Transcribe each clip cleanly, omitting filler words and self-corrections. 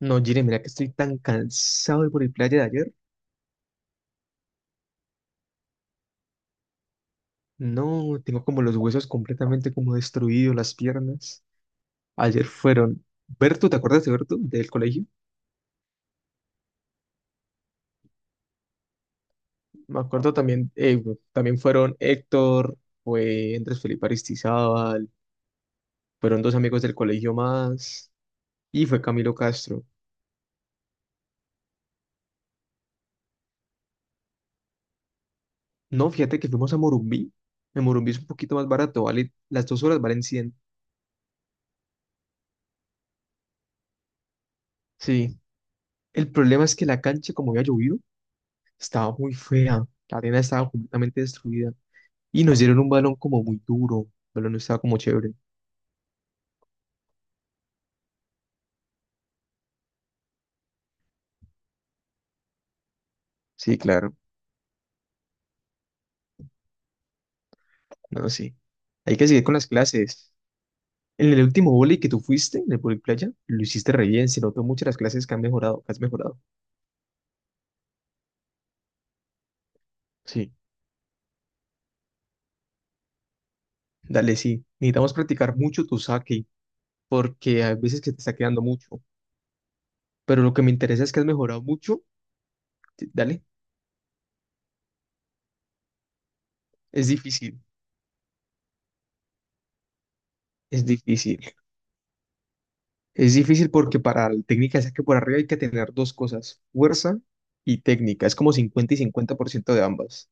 No, Jire, mira que estoy tan cansado de por el playa de ayer. No, tengo como los huesos completamente como destruidos, las piernas. Ayer fueron Berto, ¿te acuerdas de Berto del colegio? Me acuerdo también, bueno, también fueron Héctor, fue Andrés Felipe Aristizábal, fueron dos amigos del colegio más y fue Camilo Castro. No, fíjate que fuimos a Morumbí. En Morumbí es un poquito más barato, vale, las 2 horas valen 100. Sí, el problema es que la cancha como había llovido, estaba muy fea. La arena estaba completamente destruida. Y nos dieron un balón como muy duro. El balón no estaba como chévere. Sí, claro. No, sí. Hay que seguir con las clases. En el último vóley que tú fuiste, en el vóley playa, lo hiciste re bien. Se notó mucho las clases que han mejorado, que has mejorado. Sí. Dale, sí. Necesitamos practicar mucho tu saque, porque hay veces que te está quedando mucho. Pero lo que me interesa es que has mejorado mucho. Dale. Es difícil. Es difícil. Es difícil porque para el técnica de saque por arriba hay que tener dos cosas, fuerza y técnica. Es como 50 y 50% de ambas.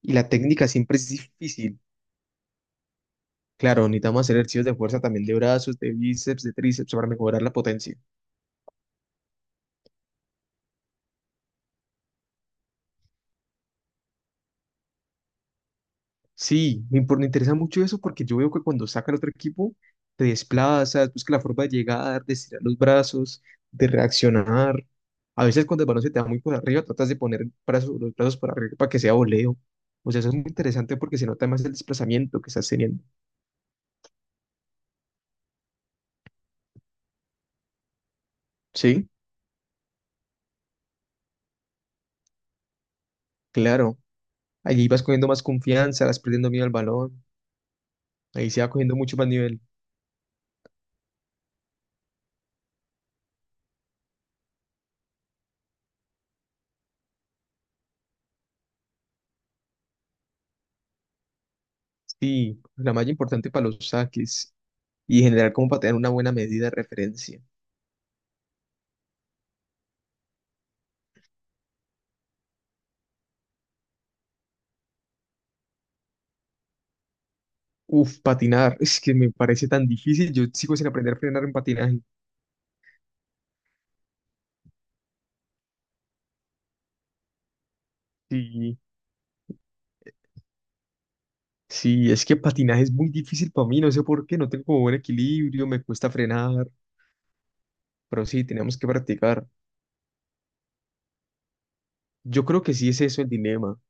Y la técnica siempre es difícil. Claro, necesitamos hacer ejercicios de fuerza también de brazos, de bíceps, de tríceps para mejorar la potencia. Sí, me interesa mucho eso porque yo veo que cuando sacan otro equipo, te desplazas, busca la forma de llegar, de estirar los brazos, de reaccionar. A veces cuando el balón se te da muy por arriba, tratas de poner los brazos por arriba para que sea voleo. O sea, eso es muy interesante porque se nota más el desplazamiento que estás teniendo. Sí, claro. Allí vas cogiendo más confianza, vas perdiendo miedo al balón. Ahí se va cogiendo mucho más nivel. Sí, la malla importante para los saques y generar como para tener una buena medida de referencia. Uf, patinar, es que me parece tan difícil. Yo sigo sin aprender a frenar en patinaje. Sí, sí, es que patinaje es muy difícil para mí, no sé por qué, no tengo como buen equilibrio, me cuesta frenar, pero sí, tenemos que practicar. Yo creo que sí es eso el dilema.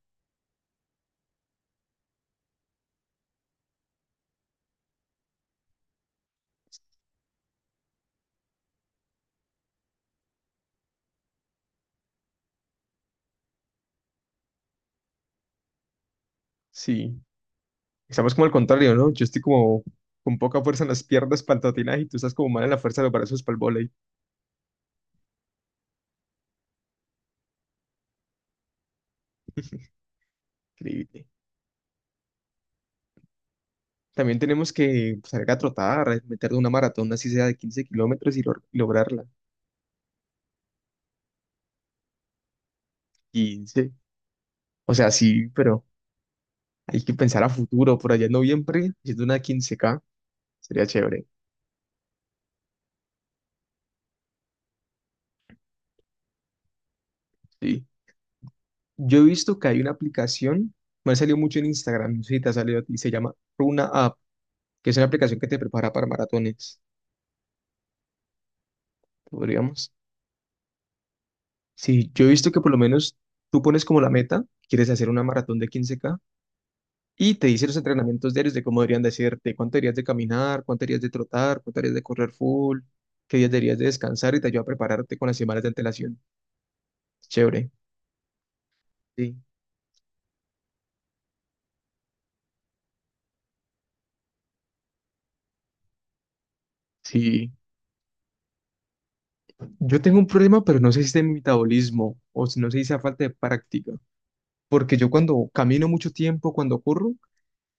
Sí, estamos como al contrario, ¿no? Yo estoy como con poca fuerza en las piernas para el patinaje y tú estás como mal en la fuerza de los brazos para el vóley. Increíble. También tenemos que salir a trotar, a meter de una maratón, así sea de 15 kilómetros y lograrla. Quince O sea, sí, pero hay que pensar a futuro, por allá en noviembre, haciendo una 15K sería chévere. Sí. Yo he visto que hay una aplicación, me ha salido mucho en Instagram, no sé si te ha salido a ti, se llama Runa App, que es una aplicación que te prepara para maratones, podríamos. Sí, yo he visto que por lo menos tú pones como la meta, quieres hacer una maratón de 15K y te dice los entrenamientos diarios de cómo deberían de hacerte, cuánto deberías de caminar, cuánto deberías de trotar, cuánto deberías de correr full, qué días deberías de descansar y te ayuda a prepararte con las semanas de antelación. Chévere. Sí. Sí. Yo tengo un problema, pero no sé si es de mi metabolismo o si no sé si sea falta de práctica. Porque yo cuando camino mucho tiempo, cuando corro,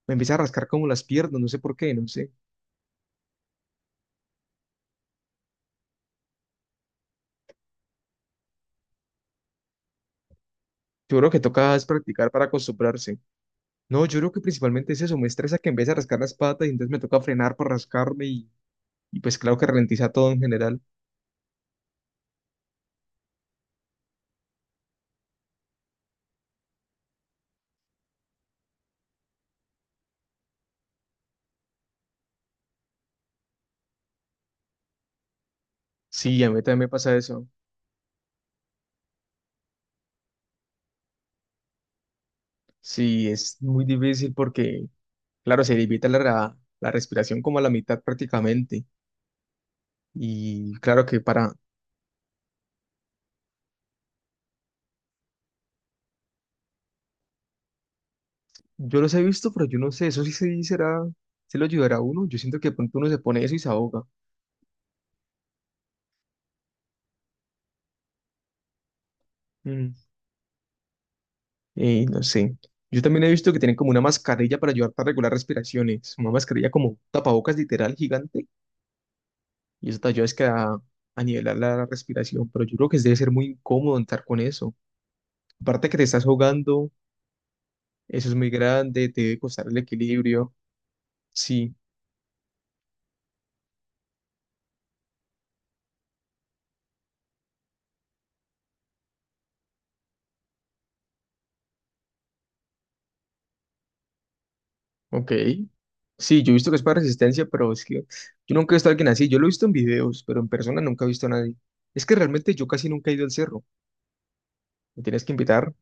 me empieza a rascar como las piernas, no sé por qué, no sé. Yo creo que toca es practicar para acostumbrarse. No, yo creo que principalmente es eso, me estresa que empiece a rascar las patas y entonces me toca frenar para rascarme y pues claro que ralentiza todo en general. Sí, a mí también me pasa eso. Sí, es muy difícil porque, claro, se limita la respiración como a la mitad prácticamente. Y claro que para. Yo los he visto, pero yo no sé, eso sí, sí será, se lo ayudará a uno. Yo siento que de pronto uno se pone eso y se ahoga. Mm. No sé. Yo también he visto que tienen como una mascarilla para ayudar para regular respiraciones. Una mascarilla como tapabocas literal gigante. Y eso te ayuda es que a nivelar la respiración. Pero yo creo que debe ser muy incómodo entrar con eso. Aparte que te estás ahogando, eso es muy grande, te debe costar el equilibrio. Sí. Ok. Sí, yo he visto que es para resistencia, pero es que yo nunca he visto a alguien así. Yo lo he visto en videos, pero en persona nunca he visto a nadie. Es que realmente yo casi nunca he ido al cerro. ¿Me tienes que invitar?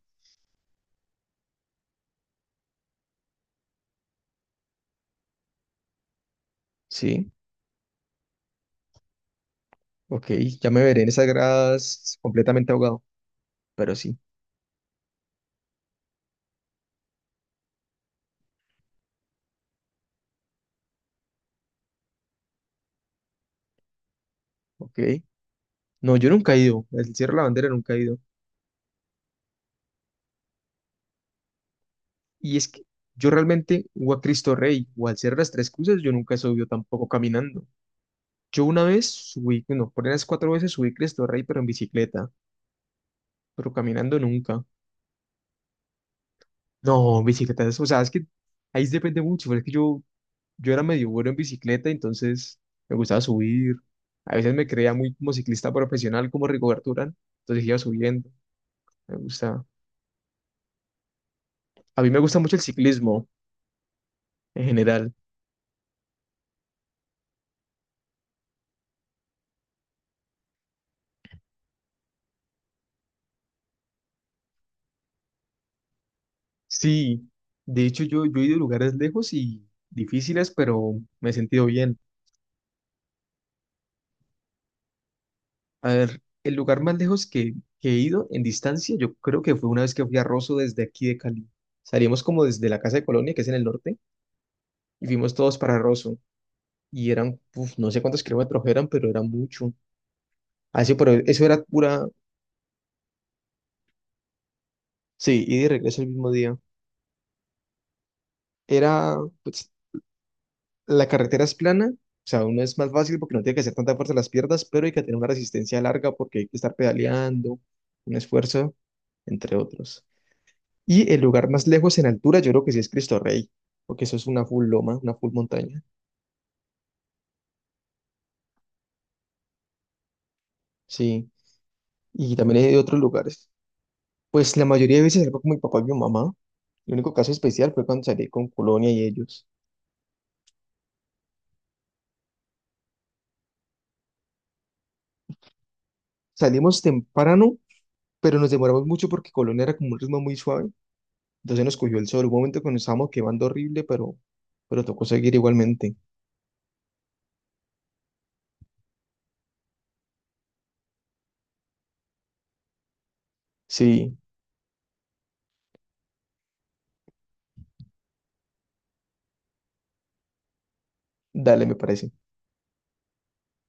Sí. Ok. Ya me veré en esas gradas completamente ahogado, pero sí. Ok. No, yo nunca he ido. Al Cerro de la Bandera nunca he ido. Y es que yo realmente, o a Cristo Rey, o al Cerro de las Tres Cruces, yo nunca he subido tampoco caminando. Yo una vez subí, no, por unas cuatro veces subí Cristo Rey, pero en bicicleta, pero caminando nunca. No, bicicletas, o sea, es que ahí sí depende mucho, pero es que yo era medio bueno en bicicleta, entonces me gustaba subir. A veces me creía muy como ciclista profesional, como Rigoberto Urán, entonces iba subiendo, me gusta. A mí me gusta mucho el ciclismo en general. Sí, de hecho yo he ido a lugares lejos y difíciles, pero me he sentido bien. A ver, el lugar más lejos que he ido en distancia, yo creo que fue una vez que fui a Rosso desde aquí de Cali. Salimos como desde la casa de Colonia, que es en el norte, y fuimos todos para Rosso. Y eran, uf, no sé cuántos kilómetros eran, pero era mucho. Así, pero eso era pura, sí, ida y de regreso el mismo día. Era, pues, la carretera es plana, o sea, uno es más fácil porque no tiene que hacer tanta fuerza en las piernas, pero hay que tener una resistencia larga porque hay que estar pedaleando, un esfuerzo, entre otros. Y el lugar más lejos en altura, yo creo que sí es Cristo Rey, porque eso es una full loma, una full montaña, sí. Y también hay de otros lugares. Pues la mayoría de veces salgo con mi papá y mi mamá. El único caso especial fue cuando salí con Colonia y ellos. Salimos temprano, pero nos demoramos mucho porque Colonia era como un ritmo muy suave. Entonces nos cogió el sol. Hubo un momento que nos estábamos quemando horrible, pero tocó seguir igualmente. Sí, dale, me parece.